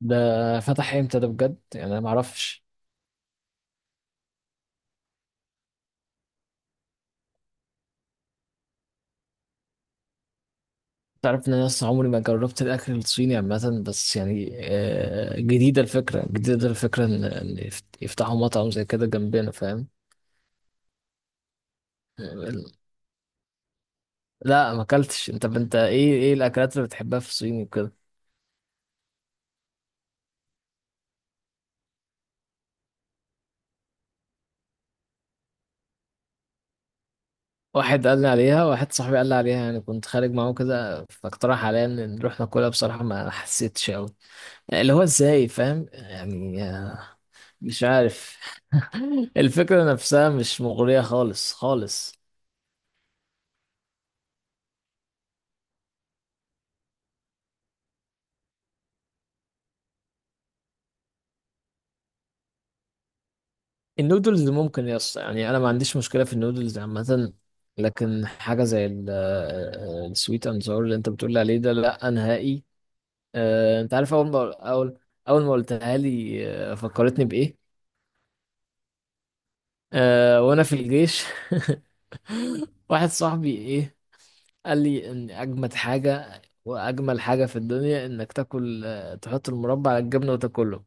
ده فتح امتى ده بجد؟ يعني انا ما اعرفش. تعرف ان انا لسه عمري ما جربت الاكل الصيني عامه، بس يعني جديده الفكره، جديده الفكره ان يفتحوا مطعم زي كده جنبنا، فاهم؟ لا ما اكلتش. انت ايه الاكلات اللي بتحبها في الصين وكده؟ واحد قال لي عليها، واحد صاحبي قال لي عليها، يعني كنت خارج معاه كده فاقترح عليا ان نروح ناكلها، بصراحه ما حسيتش قوي. اللي هو ازاي، فاهم؟ يعني مش عارف. الفكره نفسها مش مغريه خالص خالص. النودلز ممكن يعني انا ما عنديش مشكله في النودلز عامه، لكن حاجه زي السويت اند ساور اللي انت بتقول عليه ده لا نهائي. انت عارف؟ اول ما قلتها لي فكرتني بايه؟ وانا في الجيش واحد صاحبي قال لي ان اجمد حاجه واجمل حاجه في الدنيا انك تاكل، تحط المربى على الجبنه وتاكله.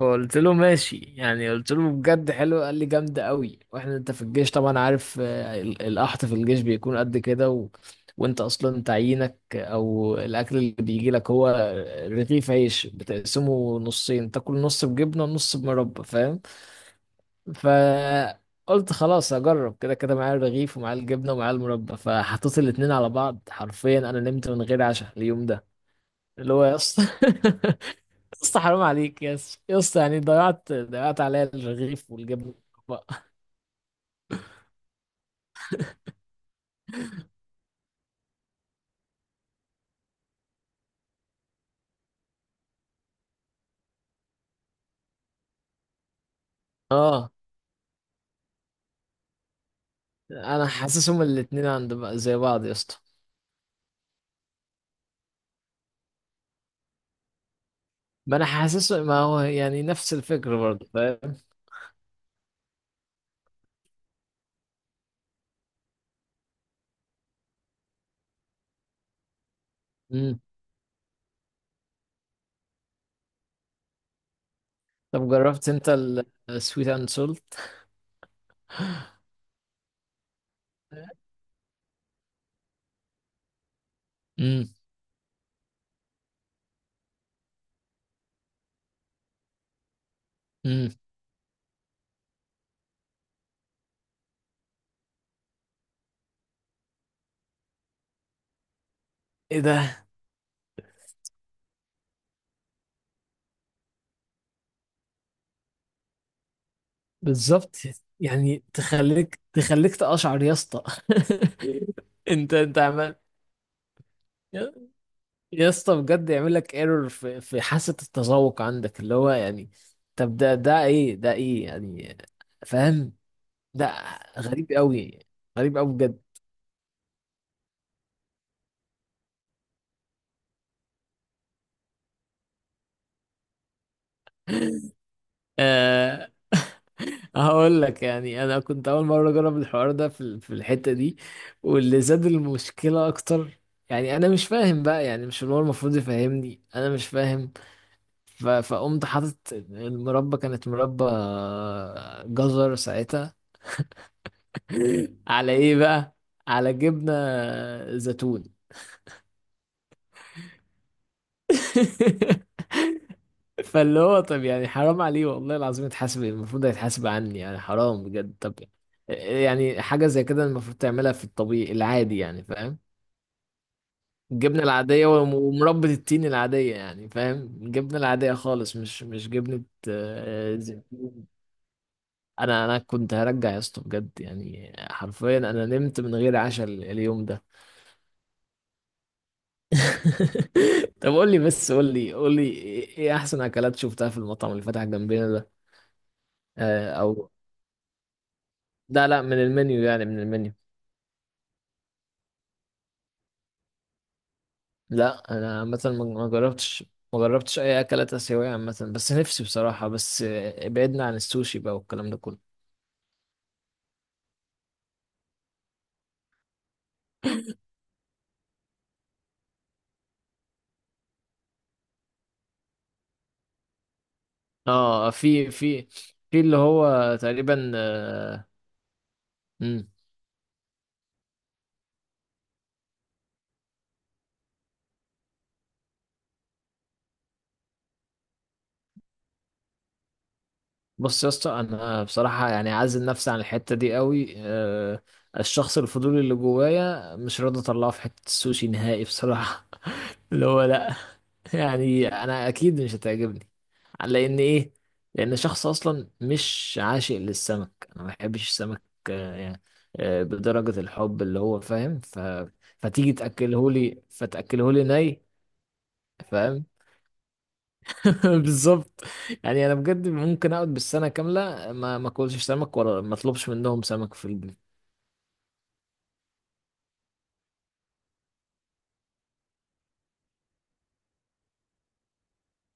فقلت له ماشي، يعني قلت له بجد حلو؟ قال لي جامدة قوي. انت في الجيش طبعا عارف، القحط في الجيش بيكون قد كده و... وانت اصلا تعيينك او الاكل اللي بيجي لك هو رغيف عيش، بتقسمه نصين، تاكل نص بجبنة ونص بمربى، فاهم؟ فقلت خلاص هجرب، كده كده معايا الرغيف ومعايا الجبنة ومعايا المربى. فحطيت الاتنين على بعض، حرفيا انا نمت من غير عشاء اليوم ده. اللي هو يا اسطى، اسطى حرام عليك يا اسطى يا اسطى، يعني ضيعت عليا الرغيف والجبن بقى. اه انا حاسسهم الاتنين عند زي بعض يا اسطى. ما انا حاسس، ما هو يعني نفس الفكر برضه، فاهم؟ امم، طب جربت انت السويت اند سولت؟ امم. امم. ايه ده؟ بالظبط. يعني تخليك تقشعر يا اسطى. انت عمال. يا اسطى بجد يعمل لك ايرور في حاسة التذوق عندك، اللي هو يعني طب ده ايه ده؟ ايه يعني؟ فاهم؟ ده غريب قوي، غريب قوي بجد. أه هقول لك، يعني انا كنت اول مره اجرب الحوار ده في في الحته دي، واللي زاد المشكله اكتر، يعني انا مش فاهم بقى، يعني مش اللي هو المفروض يفهمني انا مش فاهم. فقمت حاطط المربى، كانت مربى جزر ساعتها، على ايه بقى؟ على جبنة زيتون. فاللي هو طب يعني حرام عليه والله العظيم يتحاسب، المفروض هيتحاسب عني، يعني حرام بجد. طب يعني حاجة زي كده المفروض تعملها في الطبيعي العادي، يعني فاهم؟ الجبنة العادية ومربى التين العادية، يعني فاهم؟ الجبنة العادية خالص، مش جبنة زيتون. انا كنت هرجع يا اسطى بجد، يعني حرفيا انا نمت من غير عشاء اليوم ده. طب قول لي بس، قول لي قول لي ايه إيه احسن اكلات شفتها في المطعم اللي فتح جنبنا ده؟ آه او، لا لا، من المنيو يعني، من المنيو. لا انا مثلا ما جربتش، ما جربتش اي اكلات اسيويه عامه، بس نفسي بصراحه، بس بعدنا عن السوشي بقى والكلام ده كله. اه في في اللي هو تقريبا مم. بص يا اسطى انا بصراحه يعني عازل نفسي عن الحته دي قوي آه. الشخص الفضولي اللي جوايا مش راضي اطلعه في حته السوشي نهائي بصراحه. اللي هو لا. يعني انا اكيد مش هتعجبني، لان ايه؟ لان شخص اصلا مش عاشق للسمك، انا ما بحبش السمك آه، يعني بدرجة الحب، اللي هو فاهم ف... فتيجي تاكله لي، فتاكله لي ني، فاهم؟ بالظبط. يعني انا بجد ممكن اقعد بالسنة كاملة ما اكلش سمك ولا ما اطلبش منهم سمك في البيت.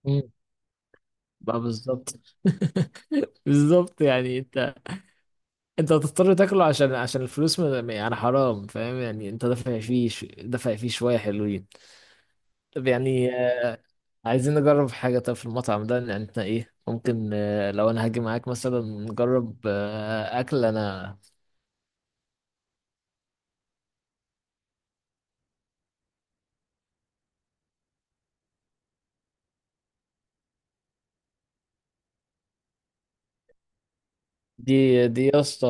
مم. بقى بالظبط. بالظبط يعني انت، انت هتضطر تاكله عشان عشان الفلوس يعني حرام، فاهم؟ يعني انت دافع فيه دافع فيه شوية حلوين. طب يعني عايزين نجرب حاجة. طب في المطعم ده يعني احنا ايه ممكن، لو انا هاجي معاك مثلا نجرب اكل انا دي يا اسطى،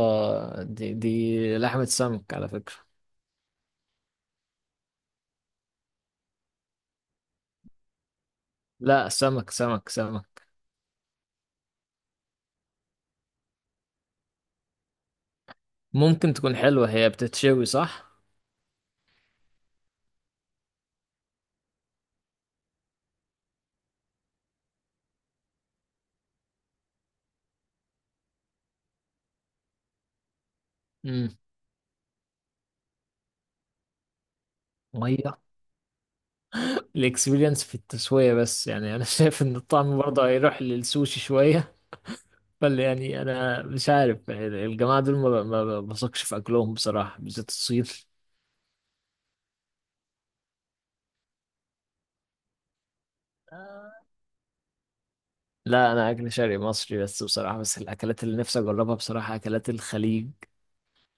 دي لحمة سمك على فكرة. لا سمك، سمك سمك. ممكن تكون حلوة، هي بتتشوي صح؟ امم. مية. الاكسبيرينس في التسوية بس، يعني انا شايف ان الطعم برضه هيروح للسوشي شوية. يعني انا مش عارف يعني الجماعه دول ما بثقش في اكلهم بصراحه، بالذات الصيف. لا انا اكل شرقي مصري بس بصراحه، بس الاكلات اللي نفسي اجربها بصراحه اكلات الخليج،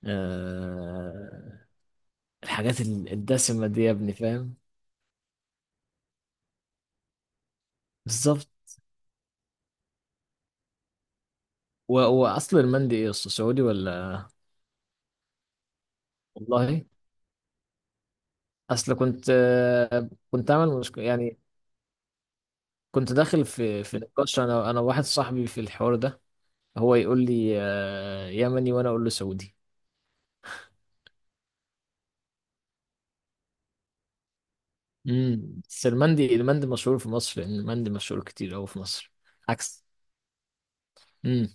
أه. الحاجات الدسمه دي يا ابني، فاهم؟ بالظبط. واصل المندي ايه؟ اصل سعودي ولا؟ والله اصل كنت، كنت عامل مشكله يعني. كنت داخل في نقاش انا واحد صاحبي في الحوار ده، هو يقول لي يمني وانا اقول له سعودي. امم، بس المندي، المندي مشهور في مصر، لان المندي مشهور كتير قوي في مصر. عكس. امم.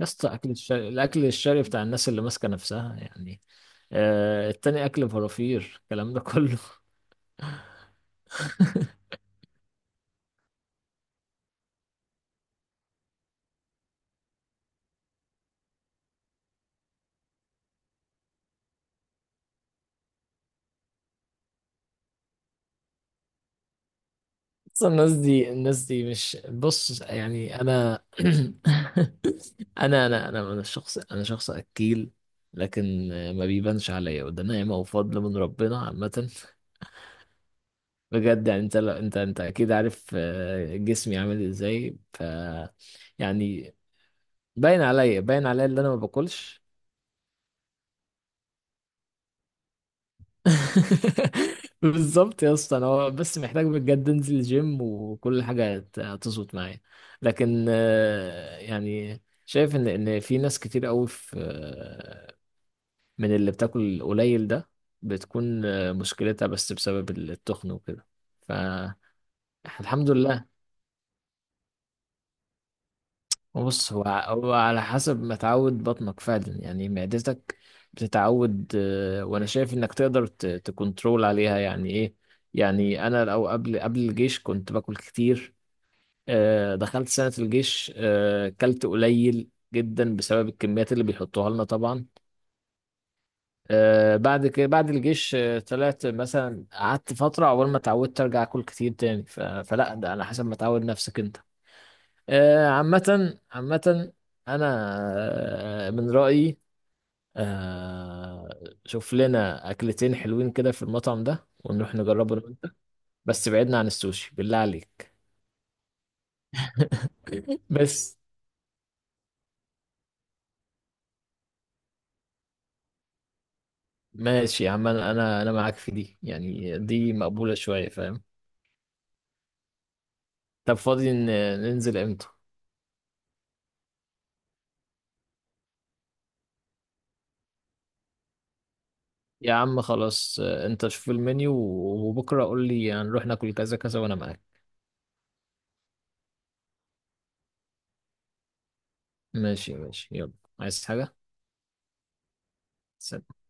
يا اسطى اكل الشرق، الاكل الشرقي بتاع الناس اللي ماسكه نفسها يعني، آه التاني اكل فرافير الكلام ده كله. بس الناس دي، الناس دي مش، بص يعني انا انا شخص اكيل، لكن ما بيبانش عليا، وده نعمه وفضل من ربنا عامه. بجد يعني انت اكيد عارف جسمي عامل ازاي يعني باين عليا، باين عليا اللي انا ما باكلش. بالظبط يا اسطى، انا هو بس محتاج بجد انزل الجيم وكل حاجه هتظبط معايا، لكن يعني شايف ان في ناس كتير قوي في من اللي بتاكل قليل ده بتكون مشكلتها بس بسبب التخن وكده، فالحمد لله. بص هو هو على حسب ما تعود بطنك فعلا، يعني معدتك بتتعود وانا شايف انك تقدر تكنترول عليها، يعني ايه؟ يعني انا لو قبل الجيش كنت باكل كتير، دخلت سنة الجيش كلت قليل جدا بسبب الكميات اللي بيحطوها لنا طبعا، بعد كده بعد الجيش طلعت مثلا قعدت فترة عقبال ما اتعودت ارجع اكل كتير تاني. فلا، ده على حسب ما تعود نفسك انت عامة عامة. أنا من رأيي آه، شوف لنا أكلتين حلوين كده في المطعم ده ونروح نجربه أنا وأنت، بس بعدنا عن السوشي بالله عليك، بس. ماشي يا عم، أنا أنا معاك في دي، يعني دي مقبولة شوية، فاهم؟ طب فاضي ننزل إمتى؟ يا عم خلاص، أنت شوف المنيو وبكرة قول لي هنروح ناكل كذا كذا وأنا معاك. ماشي ماشي، يلا. عايز حاجة؟ سلام.